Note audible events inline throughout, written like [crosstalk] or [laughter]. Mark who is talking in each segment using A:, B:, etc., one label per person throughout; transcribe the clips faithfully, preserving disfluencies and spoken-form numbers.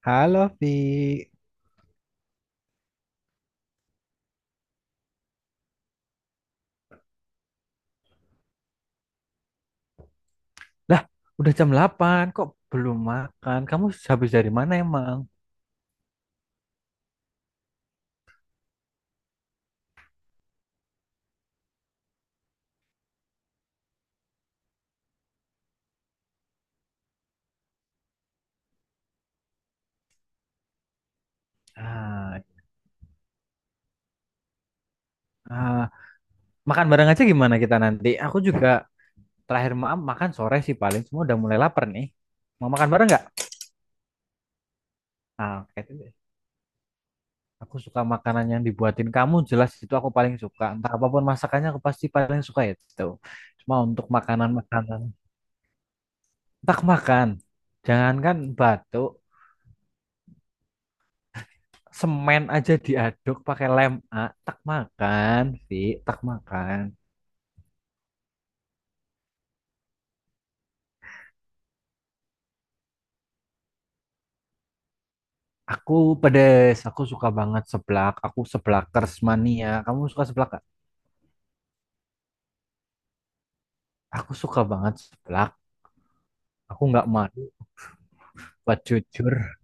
A: Halo, Vi. Lah, udah jam delapan, kok belum makan? Kamu habis dari mana emang? Ah, Ah, makan bareng aja gimana kita nanti? Aku juga terakhir maaf makan sore sih paling. Semua udah mulai lapar nih. Mau makan bareng nggak? Ah, oke deh. Aku suka makanan yang dibuatin kamu, jelas itu aku paling suka. Entah apapun masakannya aku pasti paling suka ya itu. Cuma untuk makanan-makanan, tak makan. Jangankan batuk, semen aja diaduk pakai lem A, tak makan, Vi, tak makan. Aku pedes, aku suka banget seblak, aku seblakers mania. Kamu suka seblak gak? Aku suka banget seblak. Aku nggak malu, buat jujur.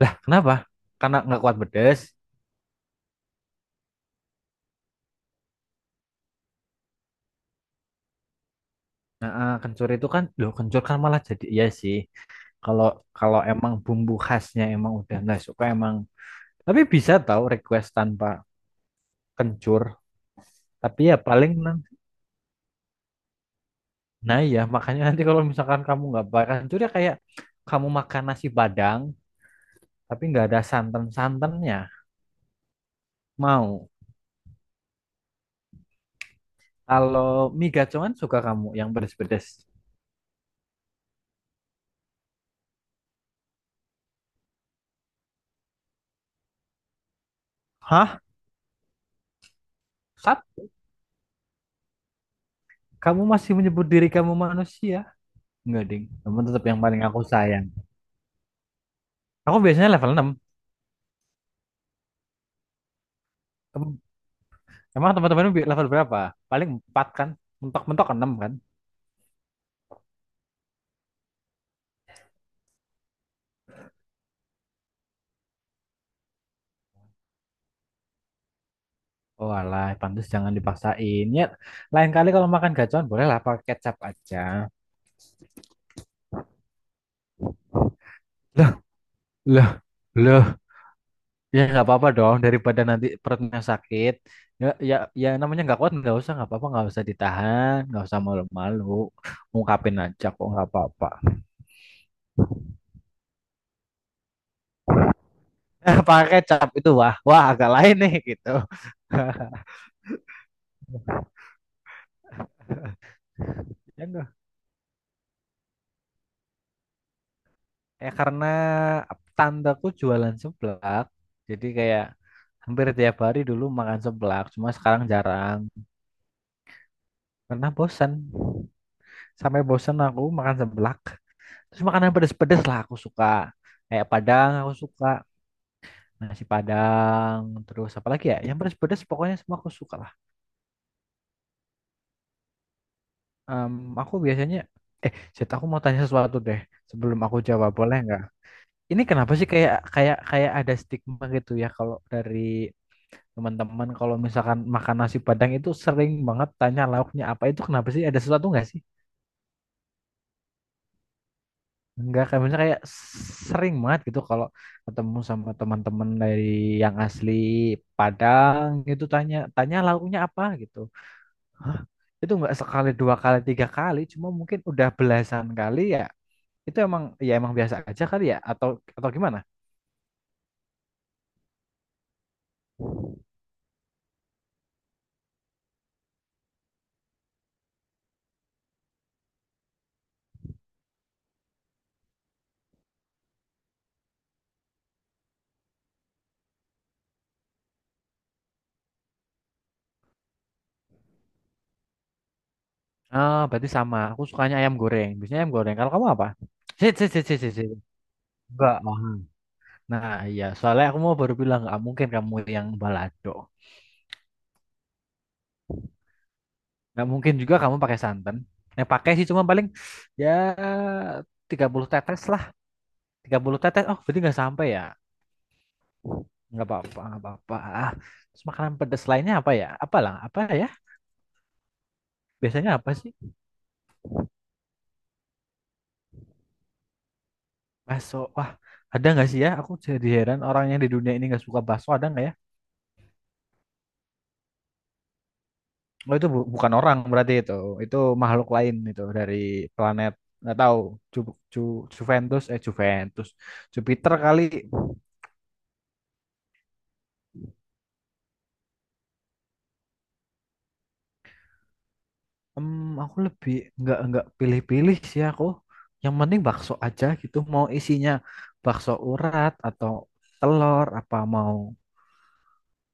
A: Lah, kenapa? Karena nggak kuat pedes. Nah, eh, kencur itu kan, loh kencur kan malah jadi iya sih. Kalau kalau emang bumbu khasnya emang udah nggak suka emang. Tapi bisa tahu request tanpa kencur. Tapi ya paling. Nah iya, makanya nanti kalau misalkan kamu nggak makan itu dia kayak kamu makan nasi Padang tapi nggak ada santan-santannya. Mau. Kalau mie gacoan suka kamu yang pedes-pedes. Hah? Sat? Kamu masih menyebut diri kamu manusia? Nggak, ding. Kamu tetap yang paling aku sayang. Aku biasanya level enam. Em- Emang teman-temanmu bi- level berapa? Paling empat kan? Mentok-mentok enam kan? Oh alah, pantas jangan dipaksain. Ya, lain kali kalau makan gacoan bolehlah pakai kecap aja. Lah, lah, lah. Ya nggak apa-apa dong daripada nanti perutnya sakit. Ya ya ya namanya nggak kuat nggak usah nggak apa-apa nggak usah ditahan nggak usah malu-malu ungkapin aja kok nggak apa-apa. [laughs] Pakai cap itu wah wah agak lain nih gitu. [laughs] Ya nggak? Ya karena tandaku jualan seblak jadi kayak hampir tiap hari dulu makan seblak cuma sekarang jarang karena bosan sampai bosan aku makan seblak terus makanan pedes-pedes lah aku suka kayak Padang aku suka nasi Padang, terus apa lagi ya? Yang pedas-pedas pokoknya semua aku suka lah. Em, aku biasanya, eh, Zed, aku mau tanya sesuatu deh sebelum aku jawab, boleh nggak? Ini kenapa sih kayak kayak kayak ada stigma gitu ya kalau dari teman-teman kalau misalkan makan nasi Padang itu sering banget tanya lauknya apa itu kenapa sih? Ada sesuatu nggak sih? Enggak, kayak misalnya kayak sering banget gitu kalau ketemu sama teman-teman dari yang asli Padang gitu tanya tanya lauknya apa gitu. Hah? Itu nggak sekali, dua kali, tiga kali, cuma mungkin udah belasan kali ya. Itu emang ya emang biasa aja kali ya atau atau gimana? Ah, berarti sama. Aku sukanya ayam goreng. Biasanya ayam goreng. Kalau kamu apa? Sit, sit, sit, sit, sit, sit. Enggak. Oh. Nah, iya. Soalnya aku mau baru bilang nggak mungkin kamu yang balado. Nggak mungkin juga kamu pakai santan. Yang pakai sih cuma paling ya tiga puluh tetes lah. Tiga puluh tetes. Oh, berarti nggak sampai ya. Nggak apa-apa, nggak apa-apa. Ah, terus makanan pedas lainnya apa ya? Apalah, apa ya? Biasanya apa sih? Bakso. Wah, ada nggak sih ya? Aku jadi heran orang yang di dunia ini nggak suka bakso ada nggak ya? Oh itu bu- bukan orang berarti itu. Itu makhluk lain itu dari planet nggak tahu Ju Ju- Juventus eh Juventus Jupiter kali. Hmm, aku lebih nggak nggak pilih-pilih sih aku. Yang penting bakso aja gitu. Mau isinya bakso urat atau telur apa mau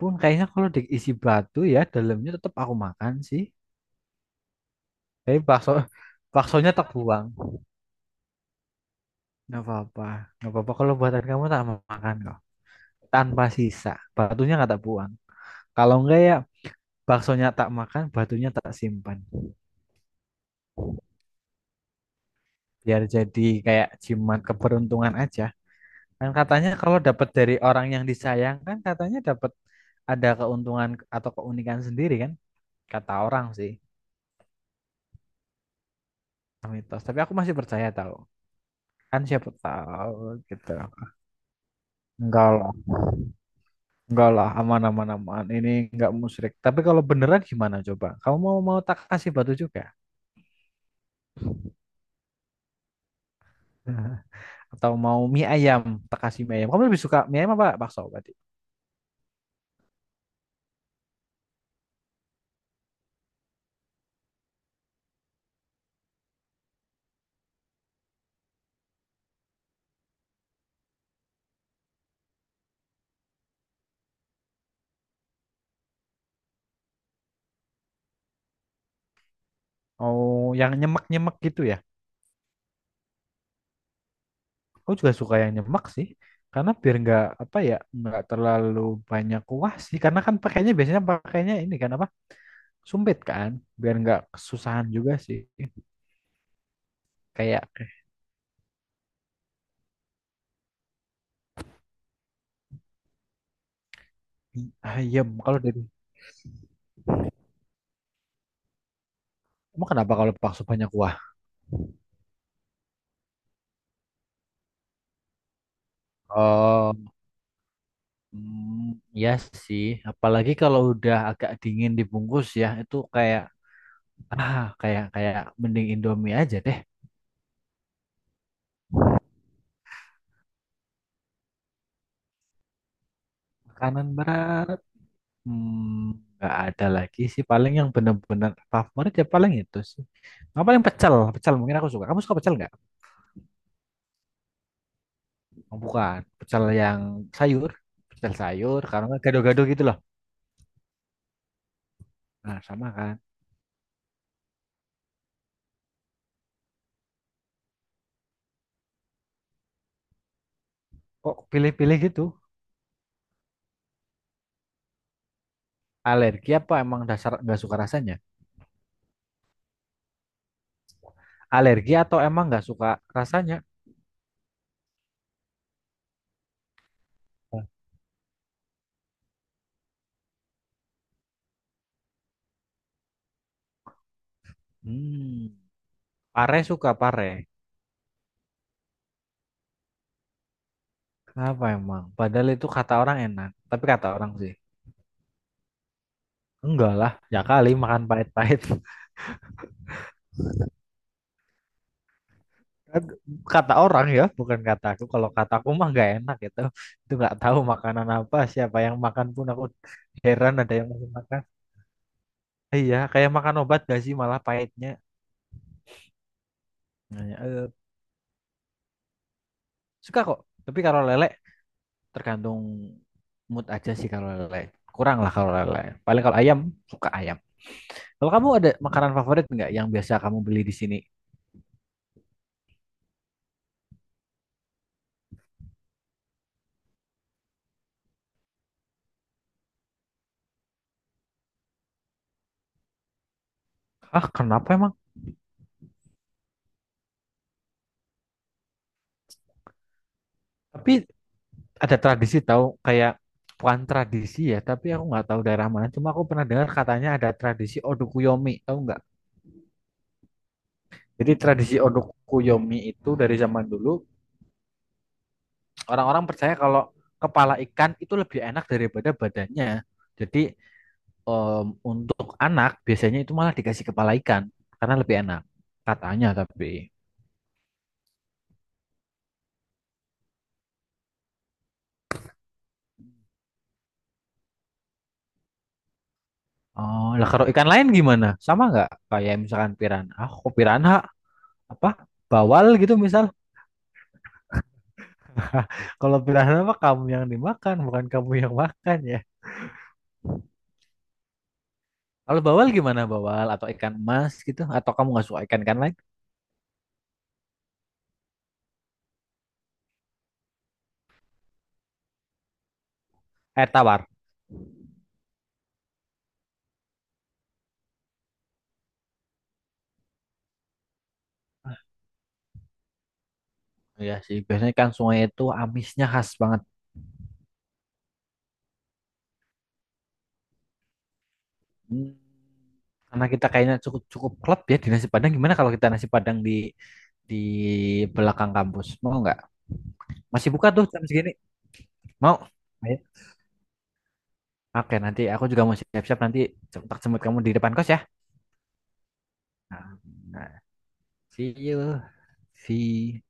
A: pun kayaknya kalau diisi batu ya dalamnya tetap aku makan sih. Tapi bakso baksonya terbuang. Nggak apa-apa. Nggak apa-apa kalau buatan kamu tak makan kok. Tanpa sisa. Batunya nggak tak buang. Kalau enggak ya baksonya tak makan, batunya tak simpan. Biar jadi kayak jimat keberuntungan aja. Kan katanya kalau dapat dari orang yang disayang kan katanya dapat ada keuntungan atau keunikan sendiri kan. Kata orang sih. Mitos. Tapi aku masih percaya tahu. Kan siapa tahu gitu. Enggak lah. Enggak lah. Aman, aman, aman. Ini enggak musyrik. Tapi kalau beneran gimana coba? Kamu mau mau tak kasih batu juga? [laughs] Atau mau mie ayam, tak kasih mie ayam. Kamu lebih suka mie ayam apa bakso berarti? Oh yang nyemek-nyemek gitu ya? Aku juga suka yang nyemek sih. Karena biar nggak apa ya, nggak terlalu banyak kuah sih. Karena kan pakainya biasanya pakainya ini kan apa? Sumpit kan. Biar nggak kesusahan juga sih. Kayak eh, mie ayam. Kalau dari kamu kenapa kalau bakso banyak kuah? Oh, mm, ya sih. Apalagi kalau udah agak dingin dibungkus ya, itu kayak ah kayak kayak mending Indomie aja deh. Makanan berat, hmm, nggak ada lagi sih. Paling yang benar-benar favorit ya paling itu sih. Nggak paling pecel, pecel mungkin aku suka. Kamu suka pecel nggak? Oh, bukan, pecel yang sayur, pecel sayur. Karena nggak gado-gado gitu loh. Nah sama kan. Kok pilih-pilih gitu? Alergi apa emang dasar nggak suka rasanya? Alergi atau emang nggak suka rasanya? Nah, hmm, pare suka pare. Kenapa emang? Padahal itu kata orang enak, tapi kata orang sih enggak lah. Ya kali makan pahit-pahit. [laughs] Kan kata orang ya, bukan kata aku. Kalau kata aku mah nggak enak gitu. Itu nggak tahu makanan apa, siapa yang makan pun aku heran ada yang masih makan. Iya, kayak makan obat gak sih malah pahitnya. Nanya, "Eh, suka kok. Tapi kalau lele tergantung mood aja sih kalau lele. Kurang lah kalau lele. Paling kalau ayam suka ayam. Kalau kamu ada makanan favorit nggak yang biasa kamu beli di sini? Ah, kenapa emang? Tapi ada tradisi tahu kayak bukan tradisi ya tapi aku nggak tahu daerah mana cuma aku pernah dengar katanya ada tradisi odukuyomi tahu nggak jadi tradisi odukuyomi itu dari zaman dulu orang-orang percaya kalau kepala ikan itu lebih enak daripada badannya jadi em, untuk anak biasanya itu malah dikasih kepala ikan karena lebih enak katanya tapi oh lah kalau ikan lain gimana sama nggak kayak misalkan piranha ah kok piranha apa bawal gitu misal. [laughs] Kalau piranha mah kamu yang dimakan, bukan kamu yang makan ya. Kalau bawal gimana bawal atau ikan emas gitu? Atau kamu nggak suka ikan ikan lain? Air tawar. Ya sih, biasanya ikan sungai itu amisnya khas banget. Hmm, karena kita kayaknya cukup cukup klop ya di nasi Padang. Gimana kalau kita nasi Padang di di belakang kampus? Mau nggak? Masih buka tuh jam segini? Mau? Ayo. Oke, nanti aku juga mau siap-siap nanti jemput jemput kamu di depan kos ya. Nah, see you. See.